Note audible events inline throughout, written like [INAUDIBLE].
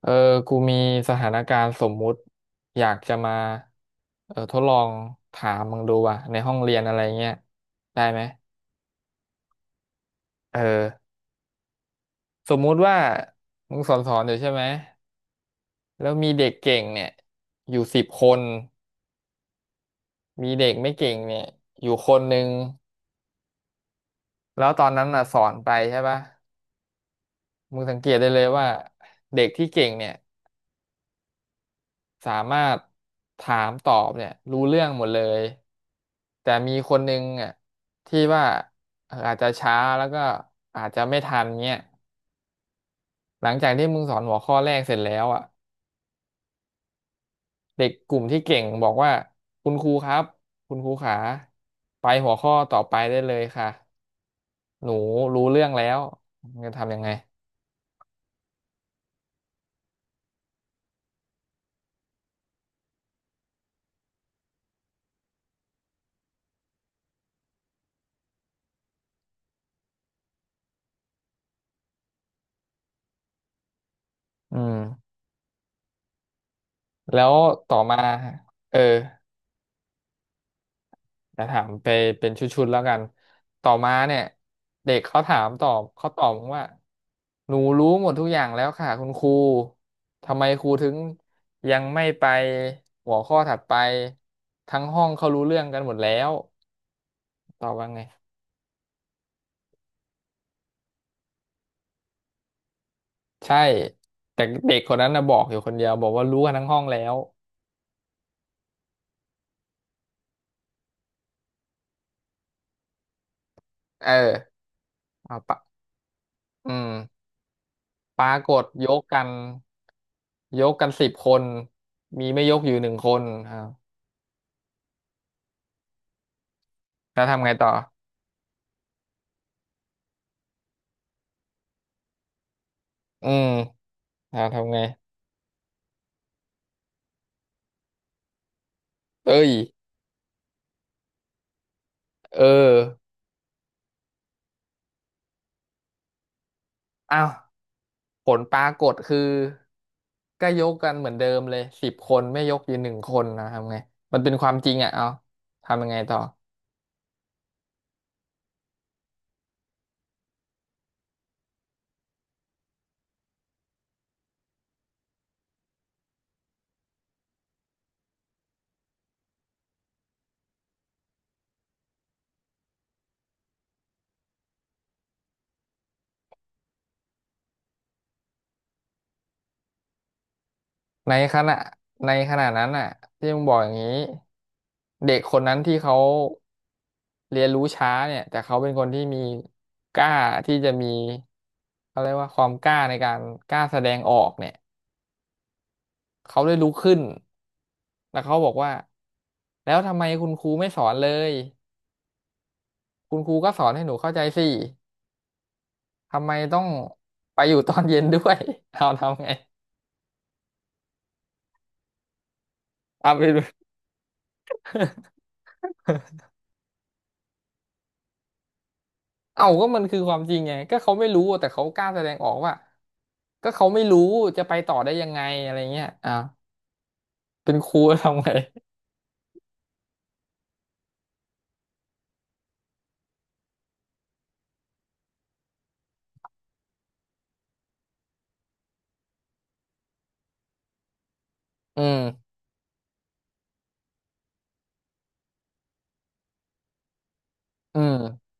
เออกูมีสถานการณ์สมมุติอยากจะมาทดลองถามมึงดูว่ะในห้องเรียนอะไรเงี้ยได้ไหมเออสมมุติว่ามึงสอนอยู่ใช่ไหมแล้วมีเด็กเก่งเนี่ยอยู่สิบคนมีเด็กไม่เก่งเนี่ยอยู่คนหนึ่งแล้วตอนนั้นอ่ะสอนไปใช่ปะมึงสังเกตได้เลยว่าเด็กที่เก่งเนี่ย สามารถถามตอบเนี่ยรู้เรื่องหมดเลยแต่มีคนหนึ่งอ่ะที่ว่าอาจจะช้าแล้วก็อาจจะไม่ทันเงี้ยหลังจากที่มึงสอนหัวข้อแรกเสร็จแล้วอ่ะเด็กกลุ่มที่เก่งบอกว่าคุณครูครับคุณครูขาไปหัวข้อต่อไปได้เลยค่ะหนูรู้เรื่องแล้วมึงจะทำยังไงอืมแล้วต่อมาเออ แจะถามไปเป็นชุดๆแล้วกันต่อมาเนี่ยเด็กเขาถามตอบเขาตอบว่าหนูรู้หมดทุกอย่างแล้วค่ะคุณครูทำไมครูถึงยังไม่ไปหัวข้อถัดไปทั้งห้องเขารู้เรื่องกันหมดแล้วตอบว่าไงใช่แต่เด็กคนนั้นนะบอกอยู่คนเดียวบอกว่ารู้กันทั้งห้องแล้วเออเอาปะอืมปรากฏยกกันยกกันสิบคนมีไม่ยกอยู่หนึ่งคนครับแล้วทำไงต่ออืม เราทำไงเอ้ยเอออ้าวผลปรากฏคือก็ยกกันเหมือนเดิมเลยสิบคนไม่ยกอยู่หนึ่งคนนะทำไงมันเป็นความจริงอ่ะเอาทำยังไงต่อในขณะในขณะนั้นอ่ะที่มึงบอกอย่างนี้เด็กคนนั้นที่เขาเรียนรู้ช้าเนี่ยแต่เขาเป็นคนที่มีกล้าที่จะมีเขาเรียกว่าความกล้าในการกล้าแสดงออกเนี่ยเขาได้ลุกขึ้นแล้วเขาบอกว่าแล้วทำไมคุณครูไม่สอนเลย คุณครูก็สอนให้หนูเข้าใจสิทำไมต้องไปอยู่ [LAUGHS] ตอนเย็นด้วย [LAUGHS] เอาทำไงเอาไปดู [LAUGHS] เอาก็มันคือความจริงไงก็เขาไม่รู้แต่เขากล้าแสดงออกว่าก็เขาไม่รู้ จะไปต่อได้ยังไงอะไรเงี้ยอ่ะเป็นครูทำไงอืมอืม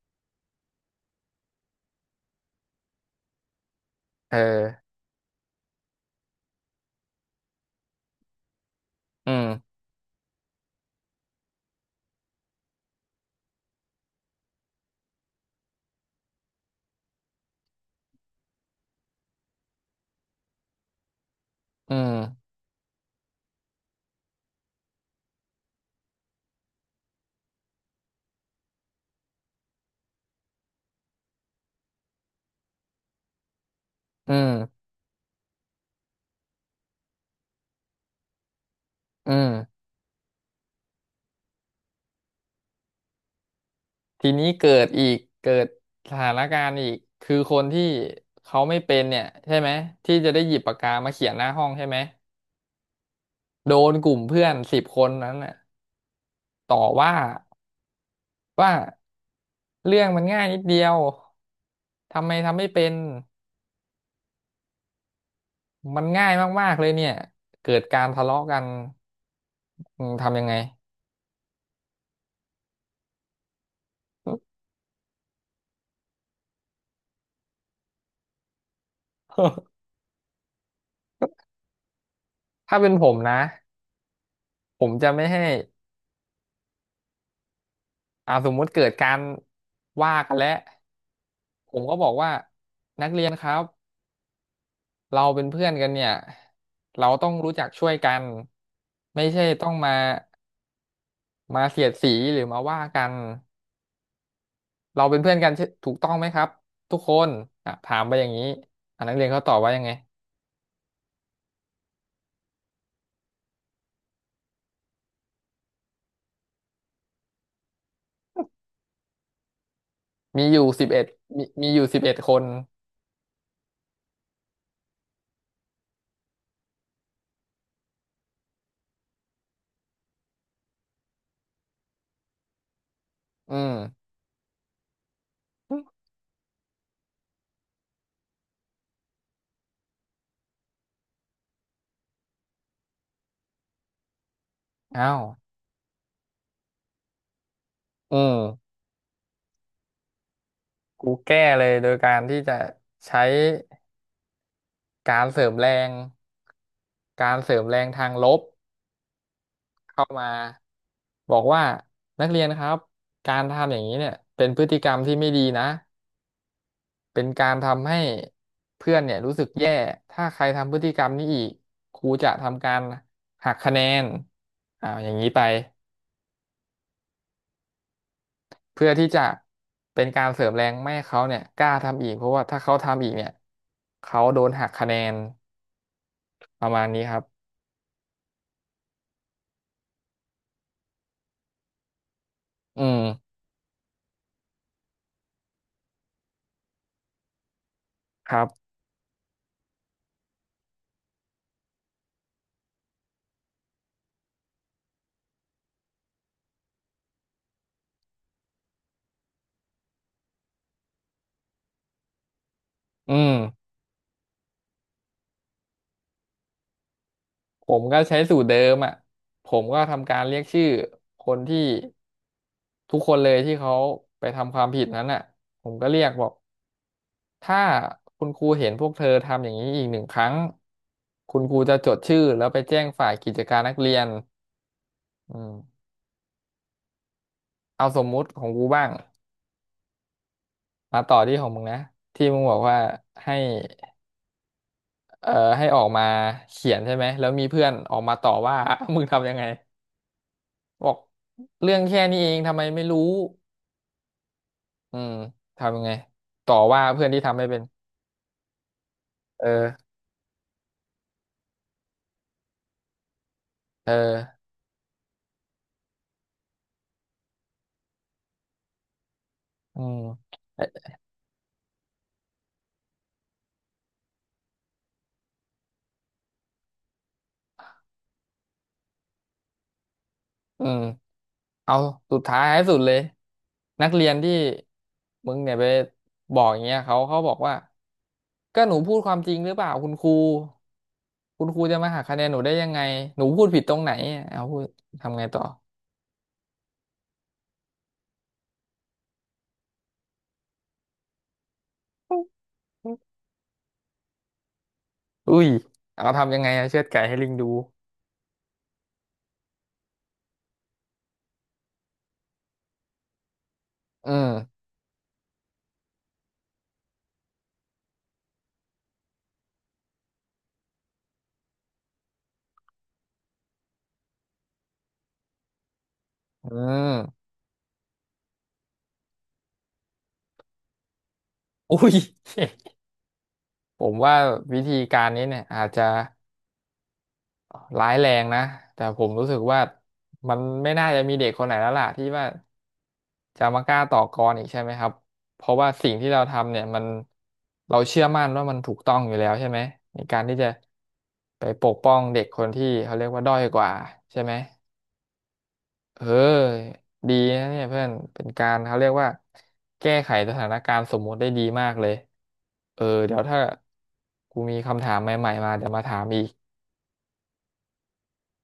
เอออืมอืมอืมอืมทีนี้เกิดสถานการณ์อีกคือคนที่เขาไม่เป็นเนี่ยใช่ไหม ที่จะได้หยิบปากกามาเขียนหน้าห้องใช่ไหม โดนกลุ่มเพื่อน10 คนนั้นน่ะต่อว่าว่าเรื่องมันง่ายนิดเดียวทำไมทำไม่เป็นมันง่ายมากๆเลยเนี่ยเกิดการทะเลาะกันอืมทำยังไง [LAUGHS] ถ้าเป็นผมนะผมจะไม่ให้อ่าสมมุติเกิดการว่ากันแล้วผมก็บอกว่านักเรียนครับเราเป็นเพื่อนกันเนี่ยเราต้องรู้จักช่วยกันไม่ใช่ต้องมาเสียดสีหรือมาว่ากัน เราเป็นเพื่อนกันใช่ถูกต้องไหมครับทุกคนอ่ะถามไปอย่างนี้อ่ะนักเรียนเขาตอบว่ายังไงมีอยู่สิบเอ็ดมีอยู่11 คนอืมอ้าวอืมกูแก้เลยโดยการที่จะใช้การเสริมแรงการเสริมแรงทางลบเข้ามาบอกว่านักเรียนครับการทำอย่างนี้เนี่ยเป็นพฤติกรรมที่ไม่ดีนะ เป็นการทำให้เพื่อนเนี่ยรู้สึกแย่ถ้าใครทำพฤติกรรมนี้อีกครูจะทำการหักคะแนนอ่าอย่างนี้ไปเพื่อที่จะเป็นการเสริมแรงไม่ให้เขาเนี่ยกล้าทำอีกเพราะว่าถ้าเขาทำอีกเนี่ยเขาโดนหักคะแนนประมาณนี้ครับอืมครับอืมผมก็ใช้สูตรเดิมอ่ะผมก็ทำการเรียกชื่อคนที่ทุกคนเลยที่เขาไปทำความผิดนั้นอ่ะผมก็เรียกบอก ถ้าคุณครูเห็นพวกเธอทำอย่างนี้อีกหนึ่งครั้งคุณครูจะจดชื่อแล้วไปแจ้งฝ่ายกิจการนักเรียนอืมเอาสมมุติของกูบ้างมาต่อที่ของมึงนะที่มึงบอกว่าให้เอ่อให้ออกมาเขียนใช่ไหมแล้วมีเพื่อนออกมาต่อว่า [LAUGHS] มึงทำยังไงบอกเรื่องแค่นี้เองทำไมไม่รู้อืมทำยังไงต่อว่าเพื่อนที่ทำไม่เป็นเออเอออืม เออเอาสุดท้ายให้สุดเลยนักเรียนที่มึงเนี่ยไปบอกอย่างเงี้ยเขาเขาบอกว่าก็หนูพูดความจริงหรือเปล่าคุณครูคุณครูจะมาหักคะแนนหนูได้ยังไงหนูพูดผิดตรงไหนเอาพูดทำไงต่ออุ้ยเอาทำยังไงอะเชือดไก่ให้ลิงดูอืมอืมอุ้ย [LAUGHS] ผมว่าวิธีการนี้เนี่ยอาจจะร้ายแรงนะแต่ผมรู้สึกว่ามันไม่น่าจะมีเด็กคนไหนแล้วล่ะที่ว่า จะมากล้าต่อกรอีกใช่ไหมครับเพราะว่าสิ่งที่เราทำเนี่ยมันเราเชื่อมั่นว่ามันถูกต้องอยู่แล้วใช่ไหมในการที่จะไปปกป้องเด็กคนที่เขาเรียกว่าด้อยกว่าใช่ไหมเออดีนะเนี่ยเพื่อนเป็นการเขาเรียกว่าแก้ไขสถานการณ์สมมุติได้ดีมากเลยเออเดี๋ยวถ้ากูมีคำถามใหม่ๆมาเดี๋ยวมาถามอีก